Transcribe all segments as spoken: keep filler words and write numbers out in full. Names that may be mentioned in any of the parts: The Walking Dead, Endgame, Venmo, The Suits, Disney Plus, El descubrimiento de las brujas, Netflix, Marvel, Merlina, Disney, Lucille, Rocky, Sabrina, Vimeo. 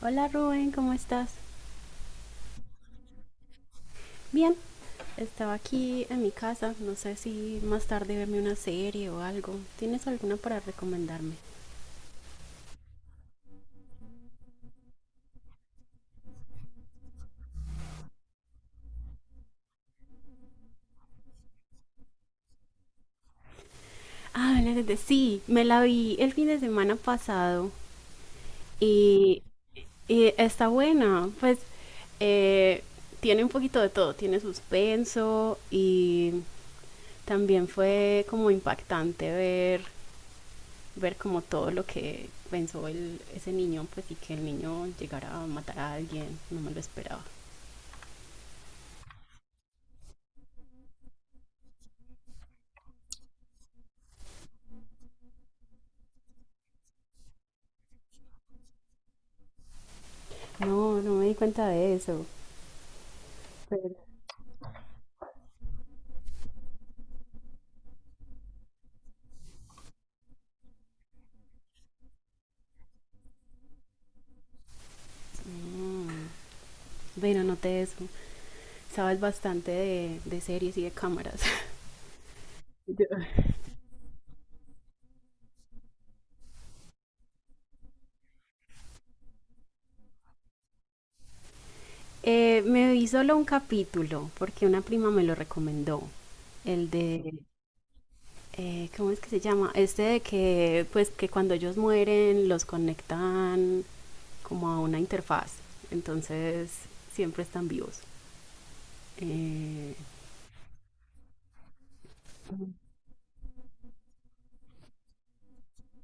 Hola Rubén, ¿cómo estás? Bien, estaba aquí en mi casa, no sé si más tarde verme una serie o algo. ¿Tienes alguna para recomendarme? Ah, la de- sí, me la vi el fin de semana pasado y, y está buena. Pues eh, tiene un poquito de todo, tiene suspenso y también fue como impactante ver, ver como todo lo que pensó el, ese niño, pues y que el niño llegara a matar a alguien, no me lo esperaba. No, no me di cuenta de eso. Bueno, noté eso. Sabes bastante de, de series y de cámaras. Yo- Eh, me vi solo un capítulo porque una prima me lo recomendó. El de, eh, ¿cómo es que se llama? Este de que, pues, que cuando ellos mueren los conectan como a una interfaz. Entonces, siempre están vivos. Eh,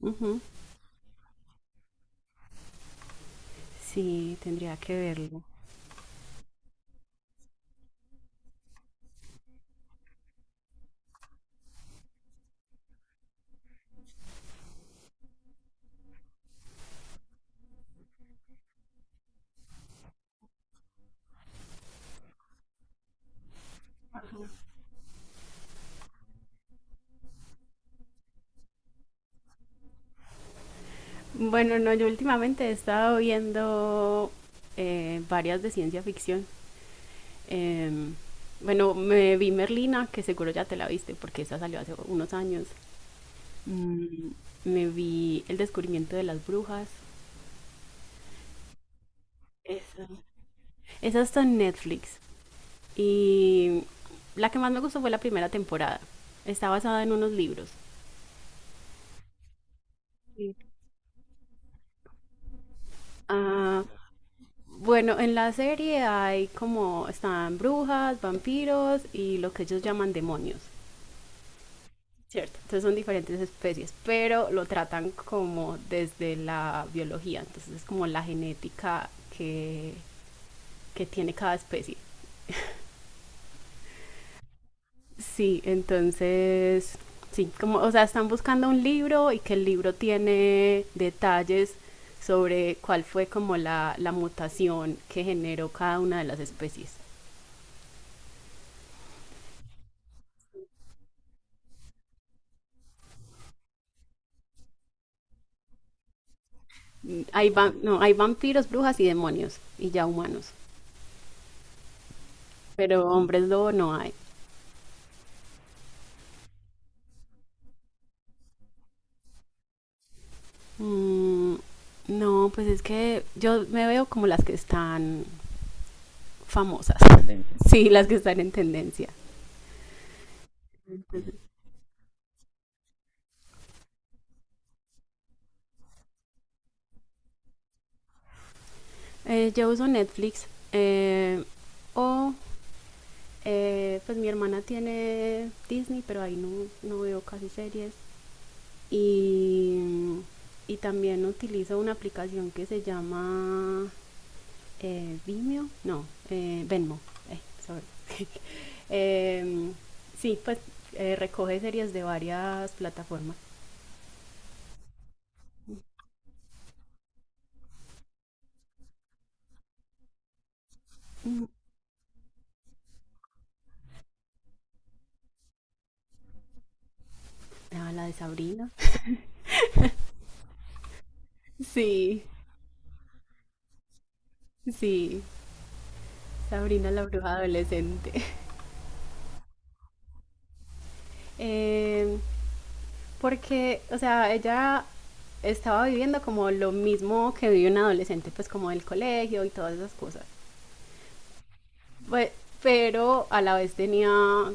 ujú. Sí, tendría que verlo. Bueno, no, yo últimamente he estado viendo eh, varias de ciencia ficción. Em, bueno, me vi Merlina, que seguro ya te la viste porque esa salió hace unos años. Me vi El descubrimiento de las brujas. Esa está en Netflix. Y la que más me gustó fue la primera temporada. Está basada en unos libros. Ah, bueno, en la serie hay como están brujas, vampiros y lo que ellos llaman demonios. ¿Cierto? Entonces son diferentes especies, pero lo tratan como desde la biología, entonces es como la genética que, que tiene cada especie. Sí, entonces, sí, como, o sea, están buscando un libro y que el libro tiene detalles sobre cuál fue como la, la mutación que generó cada una de las especies. Hay, va, no, hay vampiros, brujas y demonios, y ya humanos, pero hombres lobo no hay. Mm, no, pues es que yo me veo como las que están famosas. Tendencia. Sí, las que están en tendencia. Eh, yo uso Netflix, eh, o eh, pues mi hermana tiene Disney, pero ahí no, no veo casi series. Y, y también utilizo una aplicación que se llama eh, Vimeo, no, eh, Venmo. Eh, sorry. Em, sí, pues eh, recoge series de varias plataformas. Ah, la de Sabrina. Sí, sí, Sabrina la bruja adolescente. Eh, porque, o sea, ella estaba viviendo como lo mismo que vive un adolescente, pues como del colegio y todas esas cosas. Pues, pero a la vez tenía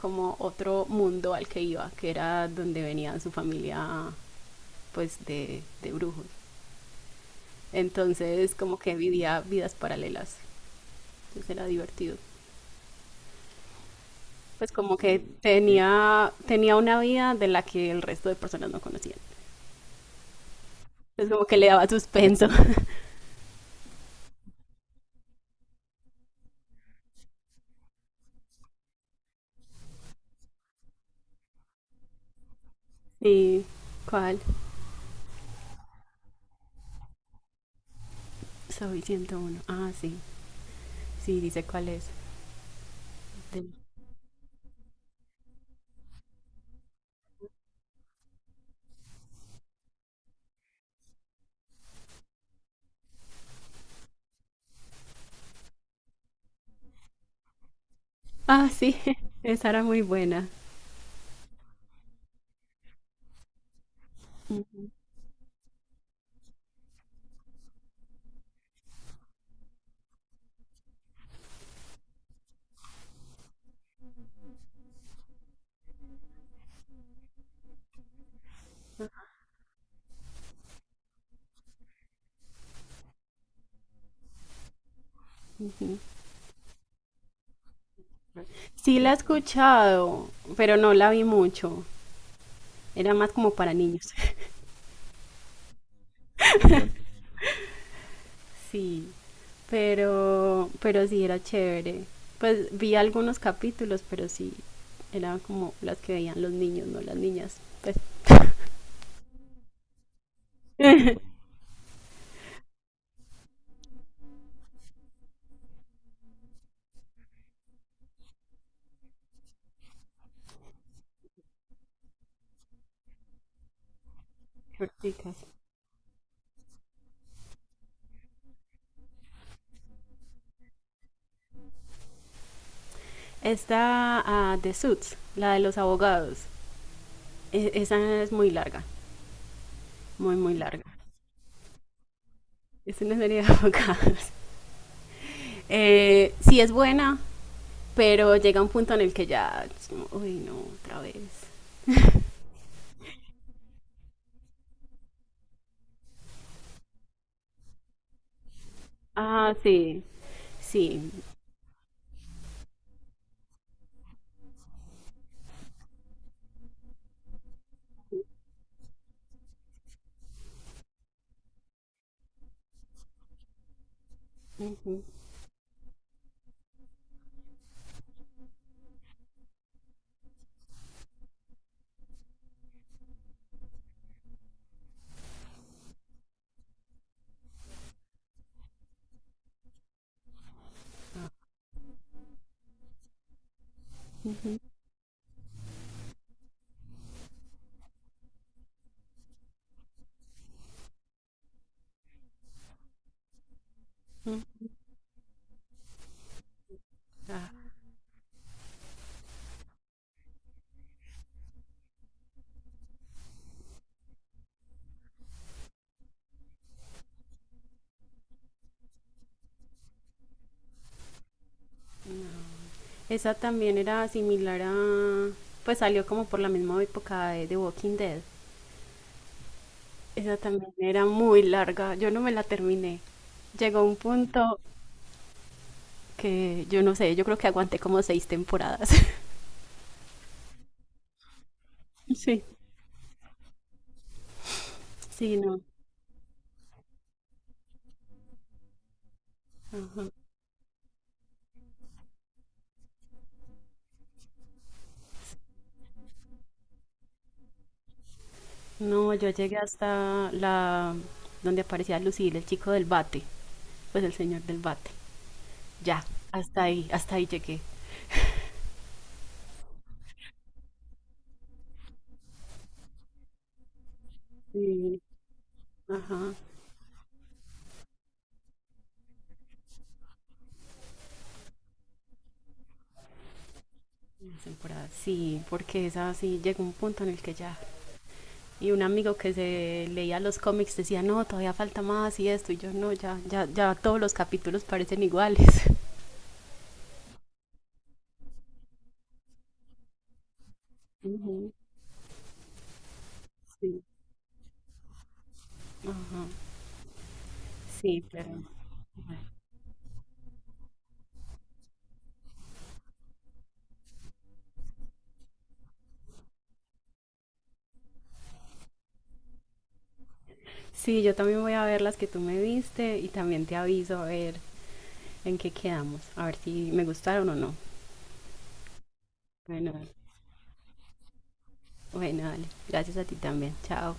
como otro mundo al que iba, que era donde venía su familia, pues de, de brujos. Entonces, como que vivía vidas paralelas. Entonces era divertido. Pues como que tenía, tenía una vida de la que el resto de personas no conocían. Es como que le daba suspenso. ¿Y cuál? Soy ciento uno. Ah, sí. Sí, dice cuál es. De- Ah, sí. Esa era muy buena. Ujú. Sí la he escuchado, pero no la vi mucho. Era más como para niños. Sí, pero, pero sí era chévere. Pues vi algunos capítulos, pero sí, eran como las que veían los niños, no las niñas. Pues, corticas. Está uh, The Suits, la de los abogados. E- esa es muy larga, muy, muy larga. Es una serie de abogados. Eh, sí es buena, pero llega un punto en el que ya, es como, uy, no, otra vez. Ah, sí, sí. Ujú, ujú. Ah, esa también era similar a, pues salió como por la misma época de The Walking Dead. Esa también era muy larga, yo no me la terminé. Llegó un punto que yo no sé, yo creo que aguanté como seis temporadas. Sí. Sí, no. No, yo llegué hasta la donde aparecía Lucille, el chico del bate, pues el señor del bate. Ya, hasta ahí, hasta ahí llegué. Sí. Ajá, las temporadas. Sí, porque esa sí llegó un punto en el que ya. Y un amigo que se leía los cómics decía, no, todavía falta más y esto. Y yo, no, ya, ya, ya todos los capítulos parecen iguales. Ujú. Sí. Ajá, sí, pero, bueno. Sí, yo también voy a ver las que tú me viste y también te aviso a ver en qué quedamos, a ver si me gustaron o no. Bueno, dale. Bueno, dale. Gracias a ti también. Chao.